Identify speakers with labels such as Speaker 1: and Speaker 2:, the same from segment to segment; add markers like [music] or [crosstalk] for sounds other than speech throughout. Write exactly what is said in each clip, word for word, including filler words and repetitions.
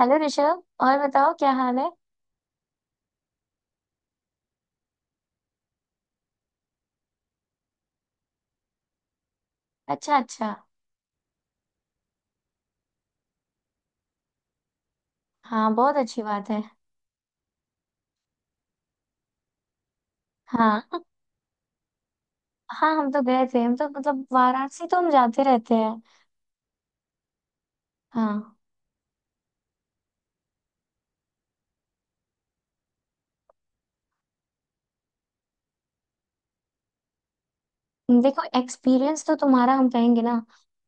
Speaker 1: Hello Rishabh. और बताओ क्या हाल है। अच्छा अच्छा। हाँ बहुत अच्छी बात है। हाँ। हाँ, हम तो गए थे हम तो मतलब वाराणसी तो हम जाते रहते हैं। हाँ। देखो, एक्सपीरियंस तो तुम्हारा हम कहेंगे ना,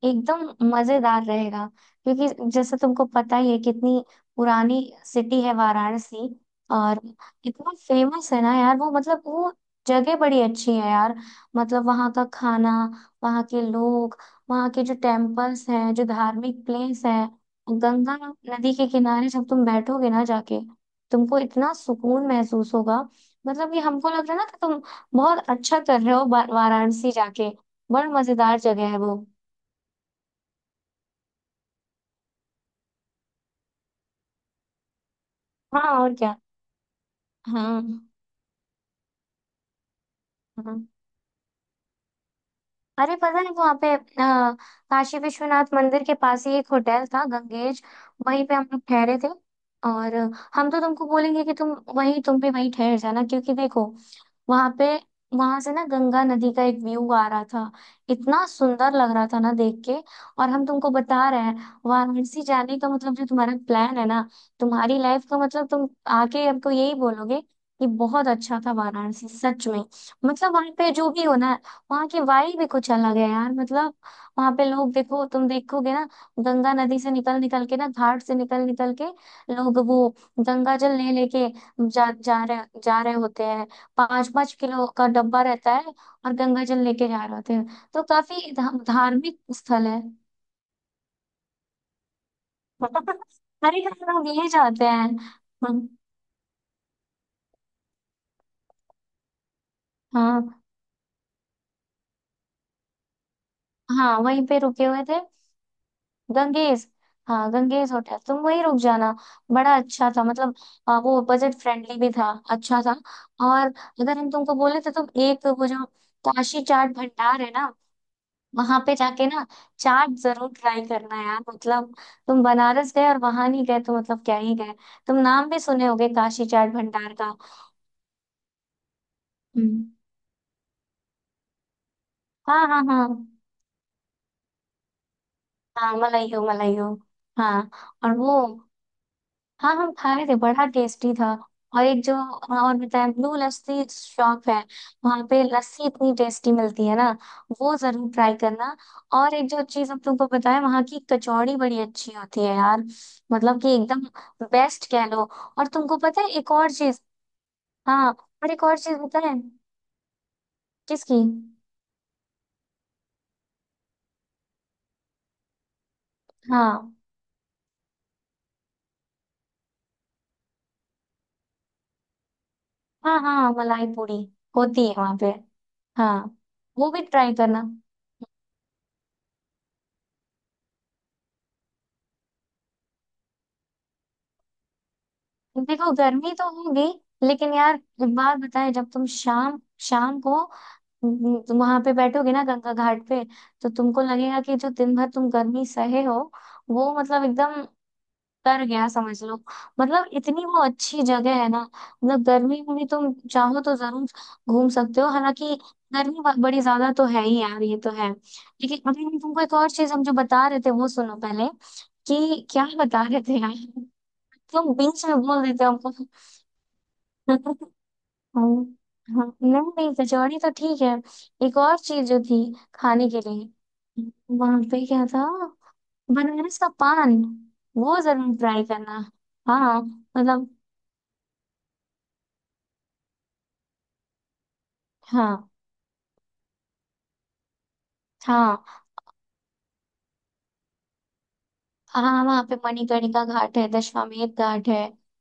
Speaker 1: एकदम मजेदार रहेगा। क्योंकि जैसे तुमको पता ही है, कितनी पुरानी सिटी है वाराणसी। और इतना फेमस है ना यार, वो मतलब वो जगह बड़ी अच्छी है यार। मतलब वहाँ का खाना, वहाँ के लोग, वहाँ के जो टेम्पल्स हैं, जो धार्मिक प्लेस है, गंगा नदी के किनारे जब तुम बैठोगे ना जाके, तुमको इतना सुकून महसूस होगा। मतलब ये हमको लग रहा है ना कि तुम बहुत अच्छा कर रहे हो वा- वाराणसी जाके। बड़ा मजेदार जगह है वो। हाँ और क्या। हाँ हाँ। अरे पता है वहाँ पे, अ, काशी विश्वनाथ मंदिर के पास ही एक होटल था गंगेज, वहीं पे हम लोग ठहरे थे। और हम तो तुमको बोलेंगे कि तुम वहीं, तुम भी वहीं ठहर जाना। क्योंकि देखो वहाँ पे, वहां से ना गंगा नदी का एक व्यू आ रहा था, इतना सुंदर लग रहा था ना देख के। और हम तुमको बता रहे हैं वाराणसी जाने का मतलब, जो तुम्हारा प्लान है ना, तुम्हारी लाइफ का मतलब, तुम आके हमको यही बोलोगे कि बहुत अच्छा था वाराणसी सच में। मतलब वहां पे जो भी हो ना, वहाँ की वाइब भी कुछ अलग है यार। मतलब वहां पे लोग, देखो तुम देखोगे ना, गंगा नदी से निकल निकल के ना, घाट से निकल निकल के लोग वो गंगा जल ले लेके जा जा रहे जा रहे होते हैं। पाँच पाँच किलो का डब्बा रहता है, और गंगा जल लेके जा रहे होते हैं। तो काफी धा- धार्मिक स्थल है। [laughs] हरे हर लोग ये जाते हैं। हम्म, हाँ, हाँ वहीं पे रुके हुए थे। गंगेस। हाँ गंगेस होटल, तुम वहीं रुक जाना। बड़ा अच्छा था मतलब। आ, वो बजट फ्रेंडली भी था, अच्छा था। और अगर हम तुमको बोले तो तुम एक वो जो काशी चाट भंडार है ना, वहां पे जाके ना चाट जरूर ट्राई करना यार। मतलब तुम बनारस गए और वहां नहीं गए तो मतलब क्या ही गए। तुम नाम भी सुने होगे काशी चाट भंडार का। हम्म। हाँ हाँ हाँ। हाँ, मलाई हो, मलाई हो। हाँ। और वो, हाँ हम खाए थे, बड़ा टेस्टी था। और एक जो, हाँ, और बताया ब्लू लस्सी शॉप है, वहां पे लस्सी इतनी टेस्टी मिलती है ना। वो जरूर ट्राई करना। और एक जो चीज हम तुमको बताया, वहाँ की कचौड़ी बड़ी अच्छी होती है यार। मतलब कि एकदम बेस्ट कह लो। और तुमको पता है एक और चीज। हाँ और एक और चीज पता है, किसकी। हाँ हाँ हाँ, मलाई पूरी होती है वहां पे। हाँ, वो भी ट्राई करना। देखो गर्मी तो होगी, लेकिन यार एक बात बताए, जब तुम शाम, शाम को वहां पे बैठोगे ना गंगा घाट पे, तो तुमको लगेगा कि जो दिन भर तुम गर्मी सहे हो, वो मतलब एकदम तर गया समझ लो। मतलब इतनी वो अच्छी जगह है ना। मतलब गर्मी में भी तुम चाहो तो जरूर घूम सकते हो, हालांकि गर्मी ब- बड़ी ज्यादा तो है ही यार, ये तो है। लेकिन अभी हम तुमको एक और चीज हम जो बता रहे थे, वो सुनो पहले, कि क्या बता रहे थे यार। तुम बीच में बोल देते हो हमको। हम्म, हाँ नहीं, नहीं कचौड़ी तो ठीक है। एक और चीज जो थी खाने के लिए वहां पे, क्या था? बनारस का पान, वो जरूर ट्राई करना। हाँ मतलब। हाँ हाँ। हाँ वहाँ पे मणिकर्णिका घाट है, दशाश्वमेध घाट है,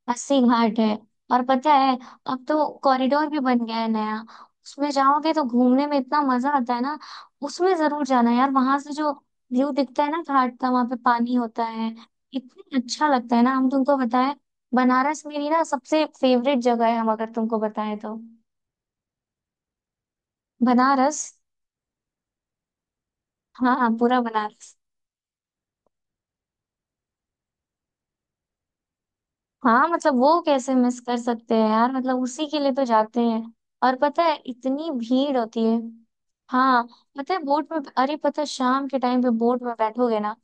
Speaker 1: अस्सी घाट है। और पता है, अब तो कॉरिडोर भी बन गया है नया। उसमें जाओगे तो घूमने में इतना मजा आता है ना। उसमें जरूर जाना यार। वहां से जो व्यू दिखता है ना घाट का, वहां पे पानी होता है, इतना अच्छा लगता है ना, हम तुमको बताएं। बनारस मेरी ना सबसे फेवरेट जगह है, हम अगर तुमको बताएं तो। बनारस। हाँ हाँ, पूरा बनारस। हाँ मतलब वो कैसे मिस कर सकते हैं यार, मतलब उसी के लिए तो जाते हैं। और पता है इतनी भीड़ होती है। हाँ। पता है बोट में, अरे पता है शाम के टाइम पे बोट में बैठोगे ना,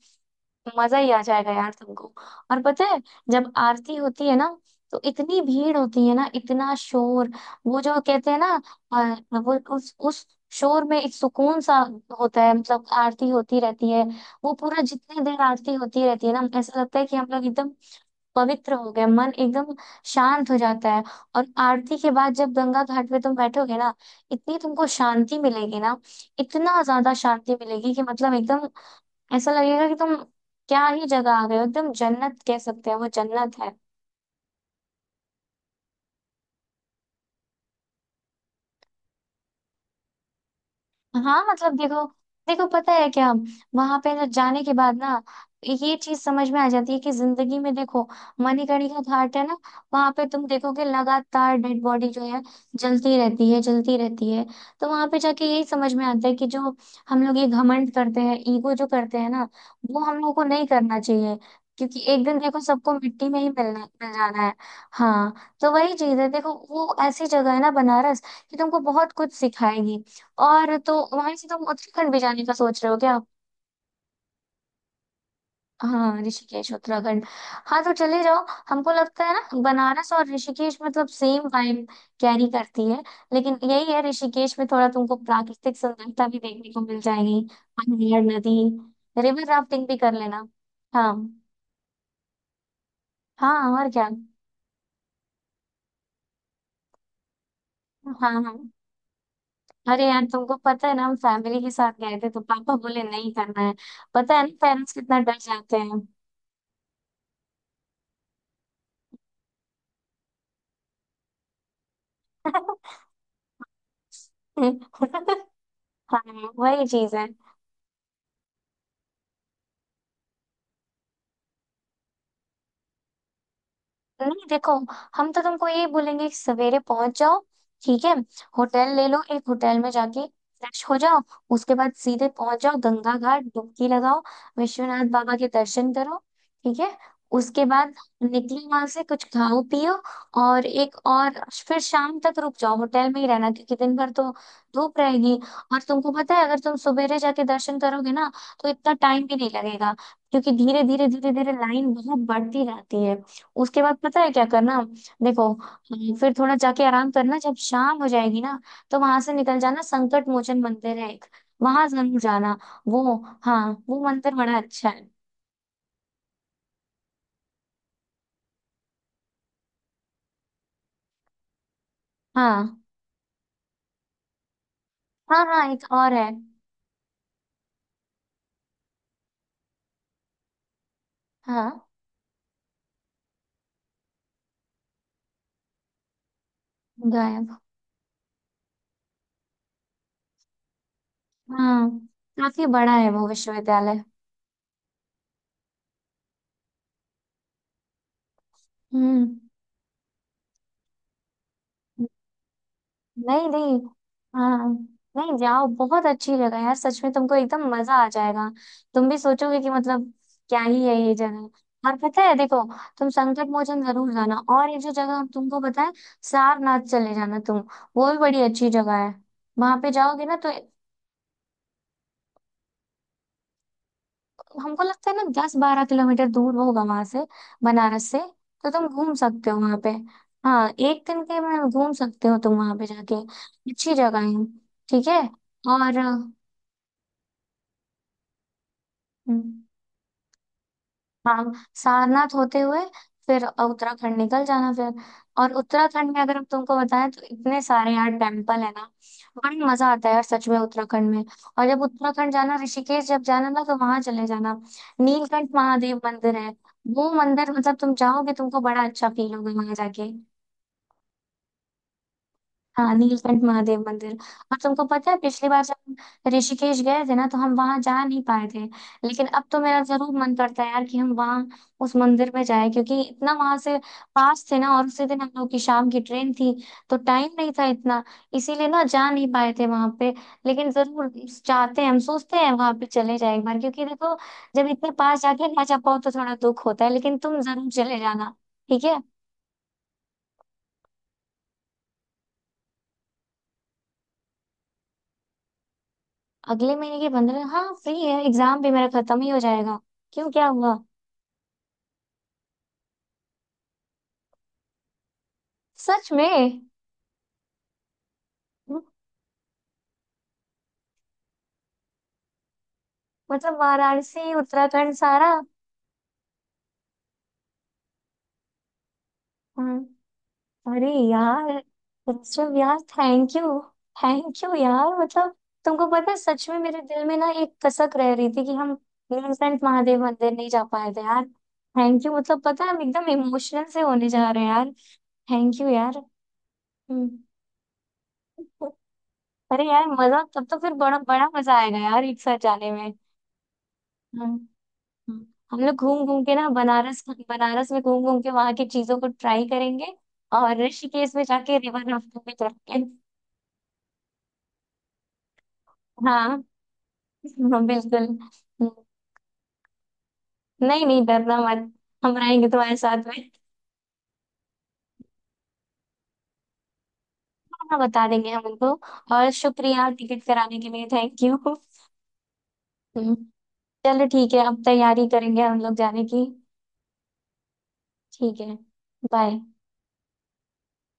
Speaker 1: मजा ही आ जाएगा यार तुमको। और पता है जब आरती होती है ना, तो इतनी भीड़ होती है ना, इतना शोर, वो जो कहते हैं ना, अ, वो उस उस शोर में एक सुकून सा होता है। मतलब आरती होती रहती है, वो पूरा जितने देर आरती होती रहती है ना, ऐसा लगता है कि हम लोग एकदम पवित्र हो गया मन, एकदम शांत हो जाता है। और आरती के बाद जब गंगा घाट पे तुम बैठोगे ना, इतनी तुमको शांति मिलेगी ना, इतना ज्यादा शांति मिलेगी कि मतलब एकदम ऐसा लगेगा कि तुम क्या ही जगह आ गए हो, एकदम जन्नत कह सकते हैं, वो जन्नत है। हाँ मतलब देखो, देखो पता है क्या, वहां पे ना जाने के बाद ना ये चीज समझ में आ जाती है कि जिंदगी में देखो, मणिकर्णिका घाट है ना, वहां पे तुम देखोगे लगातार डेड बॉडी जो है जलती रहती है, जलती रहती है। तो वहां पे जाके यही समझ में आता है कि जो हम लोग ये घमंड करते हैं, ईगो जो करते हैं ना, वो हम लोगों को नहीं करना चाहिए। क्योंकि एक दिन देखो सबको मिट्टी में ही मिलना, मिल जाना है। हाँ। तो वही चीज है देखो, वो ऐसी जगह है ना बनारस, कि तुमको बहुत कुछ सिखाएगी। और तो वहां से तुम उत्तराखंड भी जाने का सोच रहे हो क्या? हाँ ऋषिकेश उत्तराखंड। हाँ तो चले जाओ। हमको लगता है ना बनारस और ऋषिकेश मतलब सेम वाइब कैरी करती है। लेकिन यही है, ऋषिकेश में थोड़ा तुमको प्राकृतिक सुंदरता भी देखने को मिल जाएगी, पहाड़, नदी, रिवर राफ्टिंग भी कर लेना। हाँ। हाँ और क्या। हाँ हाँ। अरे यार, तुमको पता है ना, हम फैमिली के साथ गए थे तो पापा बोले नहीं करना है। पता है ना पेरेंट्स कितना डर जाते हैं। [laughs] हाँ वही चीज है। नहीं देखो, हम तो तुमको ये बोलेंगे कि सवेरे पहुंच जाओ। ठीक है। होटल ले लो, एक होटल में जाके फ्रेश हो जाओ। उसके बाद सीधे पहुंच जाओ गंगा घाट, डुबकी लगाओ, विश्वनाथ बाबा के दर्शन करो। ठीक है। उसके बाद निकलो वहां से, कुछ खाओ पियो। और एक और, फिर शाम तक रुक जाओ, होटल में ही रहना क्योंकि दिन भर तो धूप रहेगी। और तुमको पता है, अगर तुम सवेरे जाके दर्शन करोगे ना, तो इतना टाइम भी नहीं लगेगा, क्योंकि धीरे धीरे धीरे धीरे लाइन बहुत बढ़ती रहती है। उसके बाद पता है क्या करना, देखो, हम्म, फिर थोड़ा जाके आराम करना। जब शाम हो जाएगी ना, तो वहां से निकल जाना, संकट मोचन मंदिर है एक, वहां जरूर जाना। वो, हाँ वो मंदिर बड़ा अच्छा है। हाँ हाँ, हाँ एक और है। हाँ गायब। हाँ काफी बड़ा है वो विश्वविद्यालय। हम्म। नहीं नहीं। हाँ नहीं, जाओ, बहुत अच्छी जगह है यार, सच में तुमको एकदम मजा आ जाएगा। तुम भी सोचोगे कि मतलब क्या ही है ये जगह। और पता है देखो, तुम संकट मोचन जरूर जाना, और ये जो जगह हम तुमको बताए, सारनाथ चले जाना तुम। वो भी बड़ी अच्छी जगह है। वहां पे जाओगे ना तो, हमको लगता है ना दस बारह किलोमीटर दूर होगा वहां से, बनारस से। तो तुम घूम सकते हो वहां पे। हाँ एक दिन के में घूम सकते हो तुम वहां पे जाके। अच्छी जगह है। ठीक है। और हम्म, हाँ, सारनाथ होते हुए फिर उत्तराखंड निकल जाना फिर। और उत्तराखंड में अगर हम तुमको बताएं तो इतने सारे यार टेम्पल है ना। बड़ी मजा आता है यार सच में उत्तराखंड में। और जब उत्तराखंड जाना, ऋषिकेश जब जाना ना, तो वहां चले जाना, नीलकंठ महादेव मंदिर है। वो मंदिर, मतलब तुम जाओगे तुमको बड़ा अच्छा फील होगा वहां जाके। हाँ, नीलकंठ महादेव मंदिर। और तुमको पता है, पिछली बार जब हम ऋषिकेश गए थे ना, तो हम वहां जा नहीं पाए थे। लेकिन अब तो मेरा जरूर मन करता है यार, कि हम वहाँ उस मंदिर में जाए। क्योंकि इतना वहां से पास थे ना, और उसी दिन हम लोग की शाम की ट्रेन थी, तो टाइम नहीं था इतना, इसीलिए ना जा नहीं पाए थे वहां पे। लेकिन जरूर चाहते हैं, हम सोचते हैं वहां पे चले जाए एक बार। क्योंकि देखो, जब इतने पास जाके ना जा पाओ तो थोड़ा दुख होता है, लेकिन तुम जरूर चले जाना। ठीक है। अगले महीने के पंद्रह, हाँ फ्री है, एग्जाम भी मेरा खत्म ही हो जाएगा। क्यों, क्या हुआ? सच में? हम्म, मतलब वाराणसी उत्तराखंड सारा? हाँ, अरे यार उत्सव यार, थैंक यू। थैंक यू यार, मतलब तुमको पता है सच में मेरे दिल में ना एक कसक रह रही थी कि हम नीलकंठ महादेव मंदिर नहीं जा पाए थे यार। थैंक यू, मतलब पता है हम एकदम इमोशनल से होने जा रहे हैं यार। थैंक यू यार। हम्म। अरे यार, मजा तब तो फिर बड़ा बड़ा मजा आएगा यार एक साथ जाने में। हम्म। हम्म, हम लोग घूम घूम के ना बनारस, बनारस में घूम घूम के वहां की चीजों को ट्राई करेंगे। और ऋषिकेश में जाके रिवर राफ्टिंग भी करेंगे। हाँ। हाँ बिल्कुल। हम्म, नहीं नहीं, डरना मत, हम रहेंगे तुम्हारे साथ में। हाँ, बता देंगे हम उनको। और शुक्रिया टिकट कराने के लिए, थैंक यू। हम्म, चलो ठीक है, अब तैयारी करेंगे हम लोग जाने की। ठीक है। बाय।